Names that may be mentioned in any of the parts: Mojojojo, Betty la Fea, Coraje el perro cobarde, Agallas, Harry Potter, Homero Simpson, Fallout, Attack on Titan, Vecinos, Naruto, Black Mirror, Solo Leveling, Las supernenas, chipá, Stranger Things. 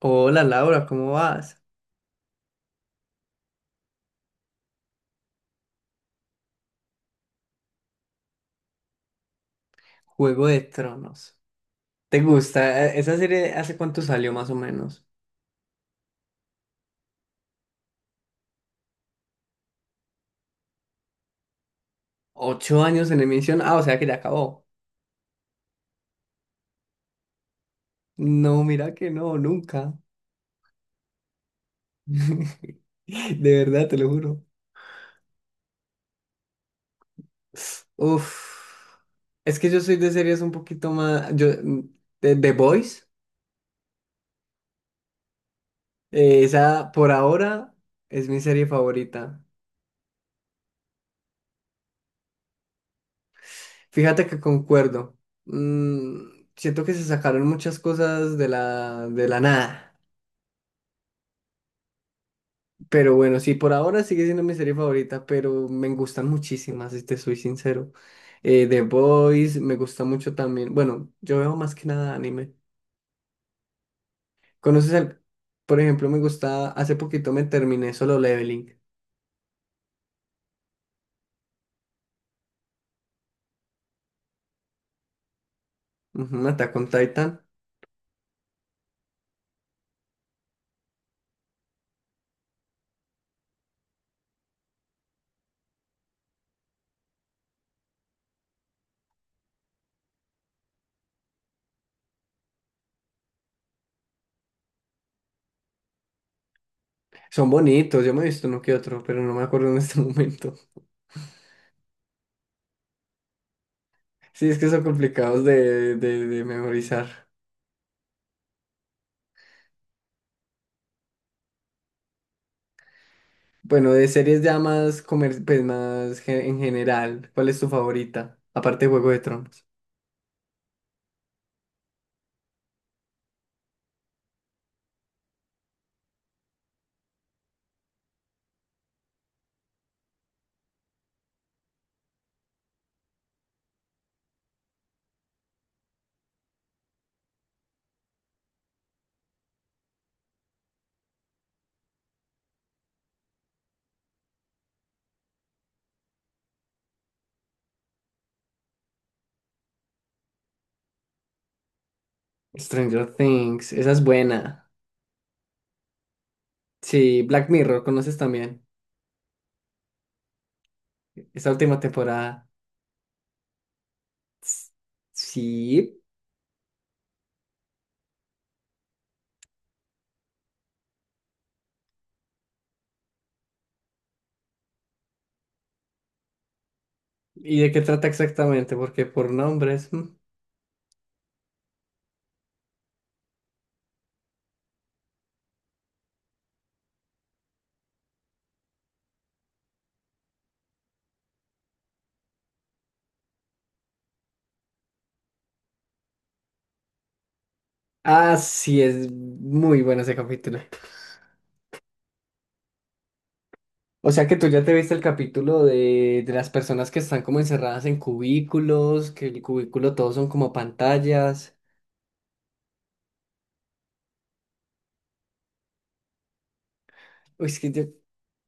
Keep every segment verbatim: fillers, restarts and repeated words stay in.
Hola Laura, ¿cómo vas? Juego de Tronos. ¿Te gusta? Eh, ¿Esa serie hace cuánto salió más o menos? ¿Ocho años en emisión? Ah, o sea que ya acabó. No, mira que no, nunca. De verdad, te lo juro. Uf. Es que yo soy de series un poquito más... Yo, mm, de The Boys, eh, esa por ahora es mi serie favorita. Fíjate que concuerdo. Mm, siento que se sacaron muchas cosas de la, de la nada. Pero bueno, sí, por ahora sigue siendo mi serie favorita, pero me gustan muchísimas, si te soy sincero. Eh, The Boys, me gusta mucho también. Bueno, yo veo más que nada anime. ¿Conoces al...? Por ejemplo, me gusta... Hace poquito me terminé Solo Leveling. Ujú, Attack on Titan. Son bonitos, yo me he visto uno que otro, pero no me acuerdo en este momento. Sí, es que son complicados de, de, de memorizar. Bueno, de series ya más, comer... pues más ge- en general, ¿cuál es tu favorita? Aparte de Juego de Tronos. Stranger Things, esa es buena. Sí, Black Mirror, conoces también. Esa última temporada. S- Sí. ¿Y de qué trata exactamente? Porque por nombres. mm. Ah, sí, es muy bueno ese capítulo. O sea que tú ya te viste el capítulo de, de las personas que están como encerradas en cubículos, que el cubículo todos son como pantallas. Uy, es que yo,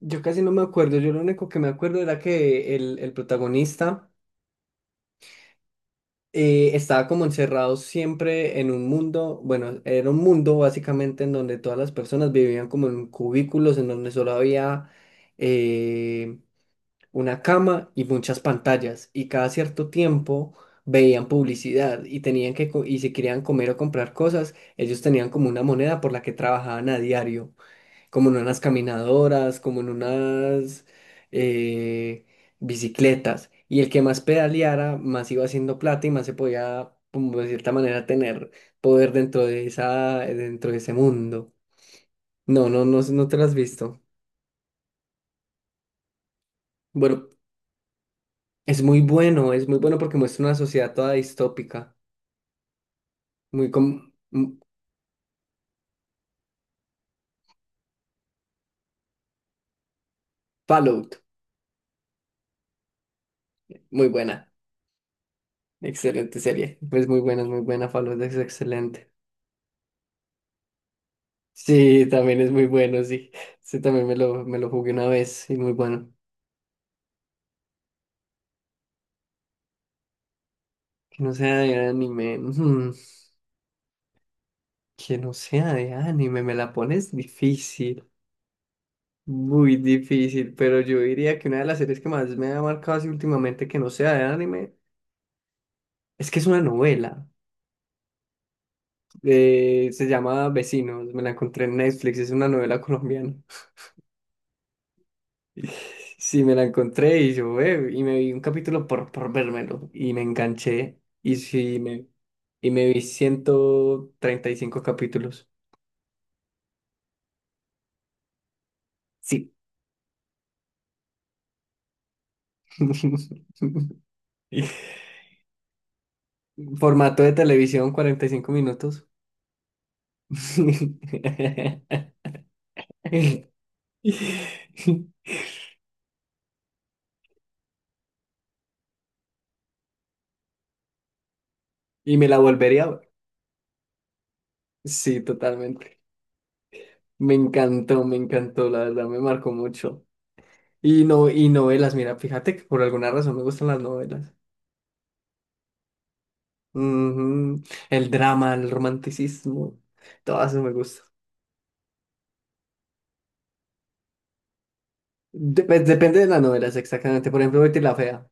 yo casi no me acuerdo. Yo lo único que me acuerdo era que el, el protagonista. Eh, estaba como encerrado siempre en un mundo, bueno, era un mundo básicamente en donde todas las personas vivían como en cubículos, en donde solo había eh, una cama y muchas pantallas, y cada cierto tiempo veían publicidad y tenían que, co- y si querían comer o comprar cosas, ellos tenían como una moneda por la que trabajaban a diario como en unas caminadoras, como en unas eh, bicicletas. Y el que más pedaleara, más iba haciendo plata y más se podía, como de cierta manera, tener poder dentro de esa, dentro de ese mundo. No, no, no, no te lo has visto. Bueno, es muy bueno, es muy bueno porque muestra una sociedad toda distópica, muy como Fallout, muy buena, excelente serie. Es muy buena, es muy buena, Fallout es excelente. Sí, también es muy bueno, sí. Sí, también me lo, me lo jugué una vez y muy bueno. Que no sea de anime. mm, que no sea de anime, me la pones difícil. Muy difícil, pero yo diría que una de las series que más me ha marcado así últimamente que no sea de anime es que es una novela. Eh, se llama Vecinos, me la encontré en Netflix, es una novela colombiana. Sí, me la encontré y yo, eh, y me vi un capítulo por, por vérmelo y me enganché y sí, me, y me vi ciento treinta y cinco capítulos. Sí. Formato de televisión, cuarenta y cinco minutos. Y me la volvería a ver. Sí, totalmente. Me encantó, me encantó, la verdad, me marcó mucho. Y no, y novelas, mira, fíjate que por alguna razón me gustan las novelas. Ujú. El drama, el romanticismo, todo eso me gusta. Dep- depende de las novelas, exactamente. Por ejemplo, Betty la Fea.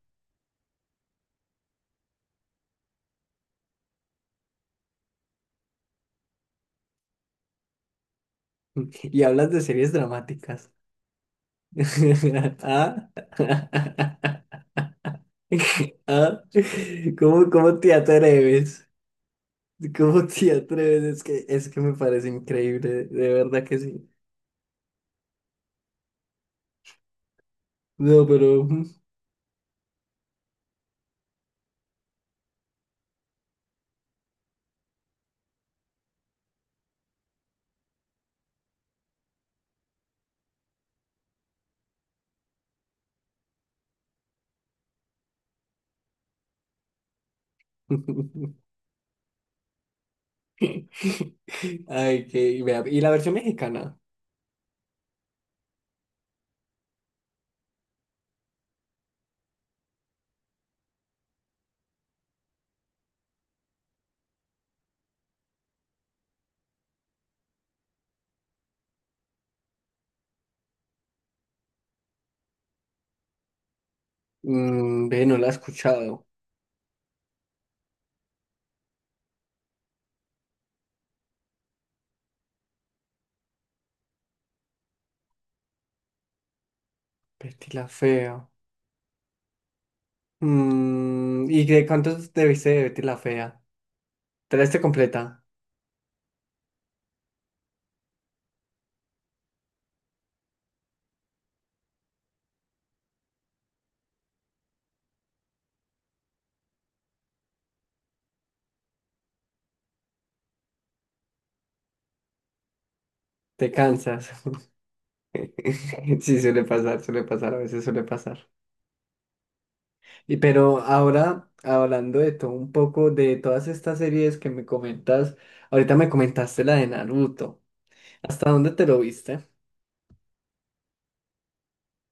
Y hablas de series dramáticas. ¿Ah? ¿Ah? ¿Cómo, cómo te atreves? ¿Cómo te atreves? Es que, es que me parece increíble, de verdad que sí. No, pero... Ay, que... vea, y la versión mexicana. Mm, ve, no la he escuchado. Betty la Fea. Mm, ¿y de cuántos debiste de Betty la Fea? ¿Te la diste completa? Te cansas. Sí, suele pasar, suele pasar, a veces suele pasar. Y pero ahora, hablando de todo un poco, de todas estas series que me comentas, ahorita me comentaste la de Naruto. ¿Hasta dónde te lo viste?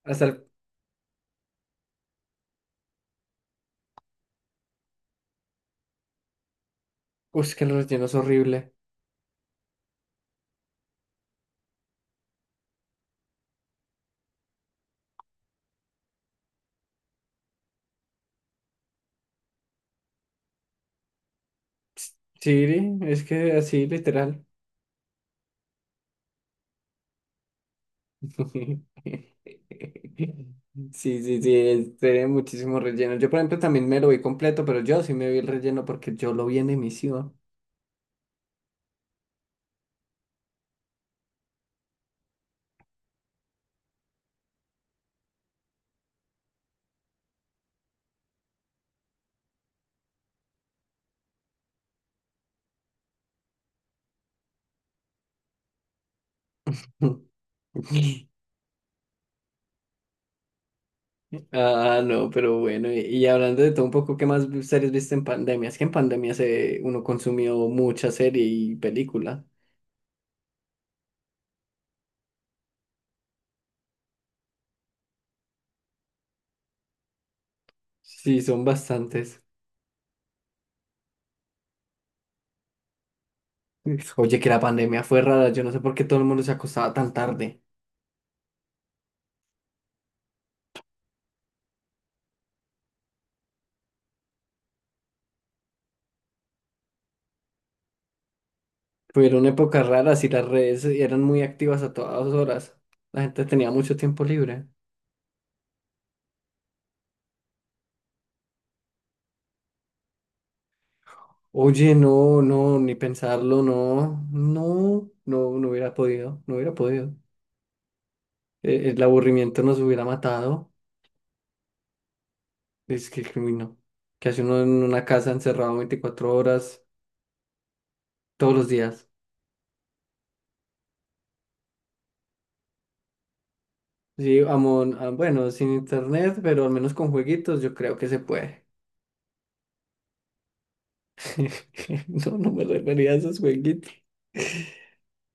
Hasta el... Uy, es que el relleno es horrible. Sí, es que así, literal. Sí, sí, sí, es- tiene muchísimo relleno. Yo, por ejemplo, también me lo vi completo, pero yo sí me vi el relleno porque yo lo vi en emisión. Ah, no, pero bueno, y, y hablando de todo un poco, ¿qué más vi- series viste en pandemia? Es que en pandemia se, uno consumió mucha serie y película. Sí, son bastantes. Oye, que la pandemia fue rara, yo no sé por qué todo el mundo se acostaba tan tarde. Fueron épocas raras y las redes eran muy activas a todas horas. La gente tenía mucho tiempo libre. Oye, no, no, ni pensarlo, no, no, no, no hubiera podido, no hubiera podido. Eh, el aburrimiento nos hubiera matado. Es que, uy, no. ¿Que hace uno en una casa encerrado veinticuatro horas todos los días? Sí, amon, ah, bueno, sin internet, pero al menos con jueguitos, yo creo que se puede. No, no me refería a esos jueguitos.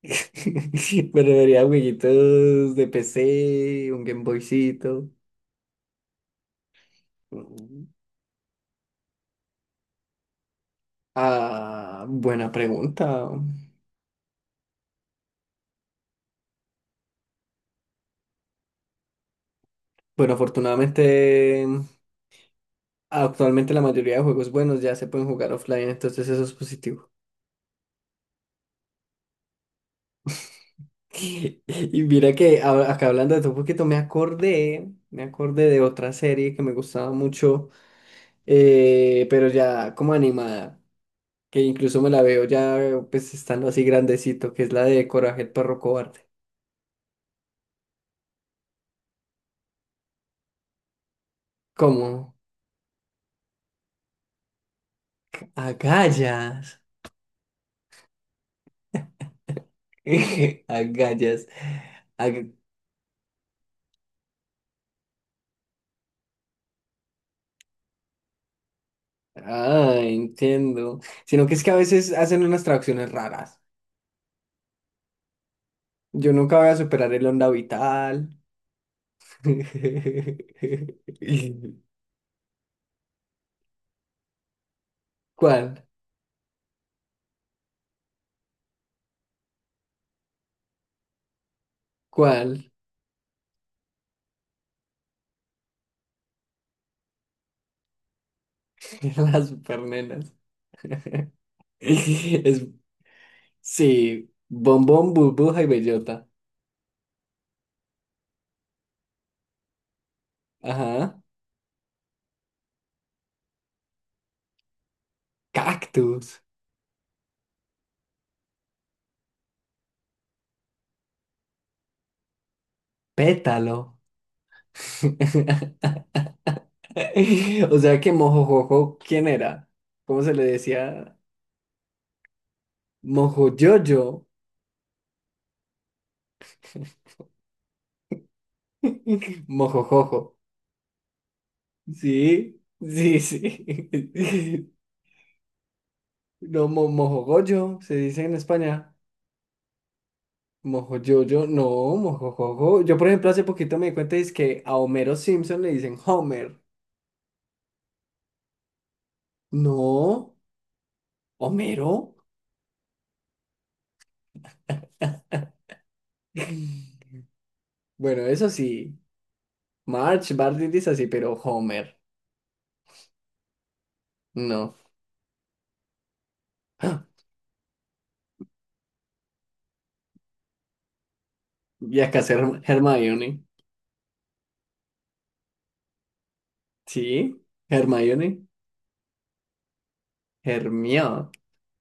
Me refería a jueguitos de P C, un Game Boycito. Ah, buena pregunta. Bueno, afortunadamente, actualmente la mayoría de juegos buenos ya se pueden jugar offline, entonces eso es positivo. Y mira que hab- acá hablando de todo un poquito, me acordé, me acordé de otra serie que me gustaba mucho, eh, pero ya como animada, que incluso me la veo ya pues estando así grandecito, que es la de Coraje el perro cobarde. ¿Cómo? Agallas. Agallas. Ah, entiendo. Sino que es que a veces hacen unas traducciones raras. Yo nunca voy a superar el onda vital. ¿Cuál? ¿Cuál? Las supernenas. Es, sí, bombón, burbuja y bellota. Ajá. Cactus. Pétalo. O sea que mojojojo, ¿quién era? ¿Cómo se le decía? Mojoyoyo. Mojojojo. Sí, sí, sí. No, mo- mojogoyo, se dice en España. Mojoyoyo, no, mojojojo. Yo, por ejemplo, hace poquito me di cuenta es que a Homero Simpson le dicen Homer. No, Homero. Bueno, eso sí. March, Barney dice así, pero Homer, no. Y acá es Herm- Hermione. Sí, Hermione. Hermione.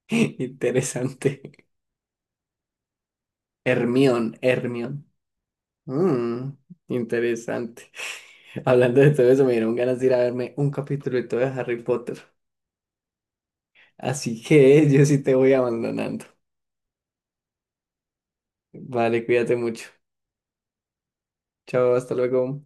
Interesante. Hermión, Hermión. Mm, interesante. Hablando de todo eso, me dieron ganas de ir a verme un capítulo de todo de Harry Potter. Así que yo sí te voy abandonando. Vale, cuídate mucho. Chao, hasta luego.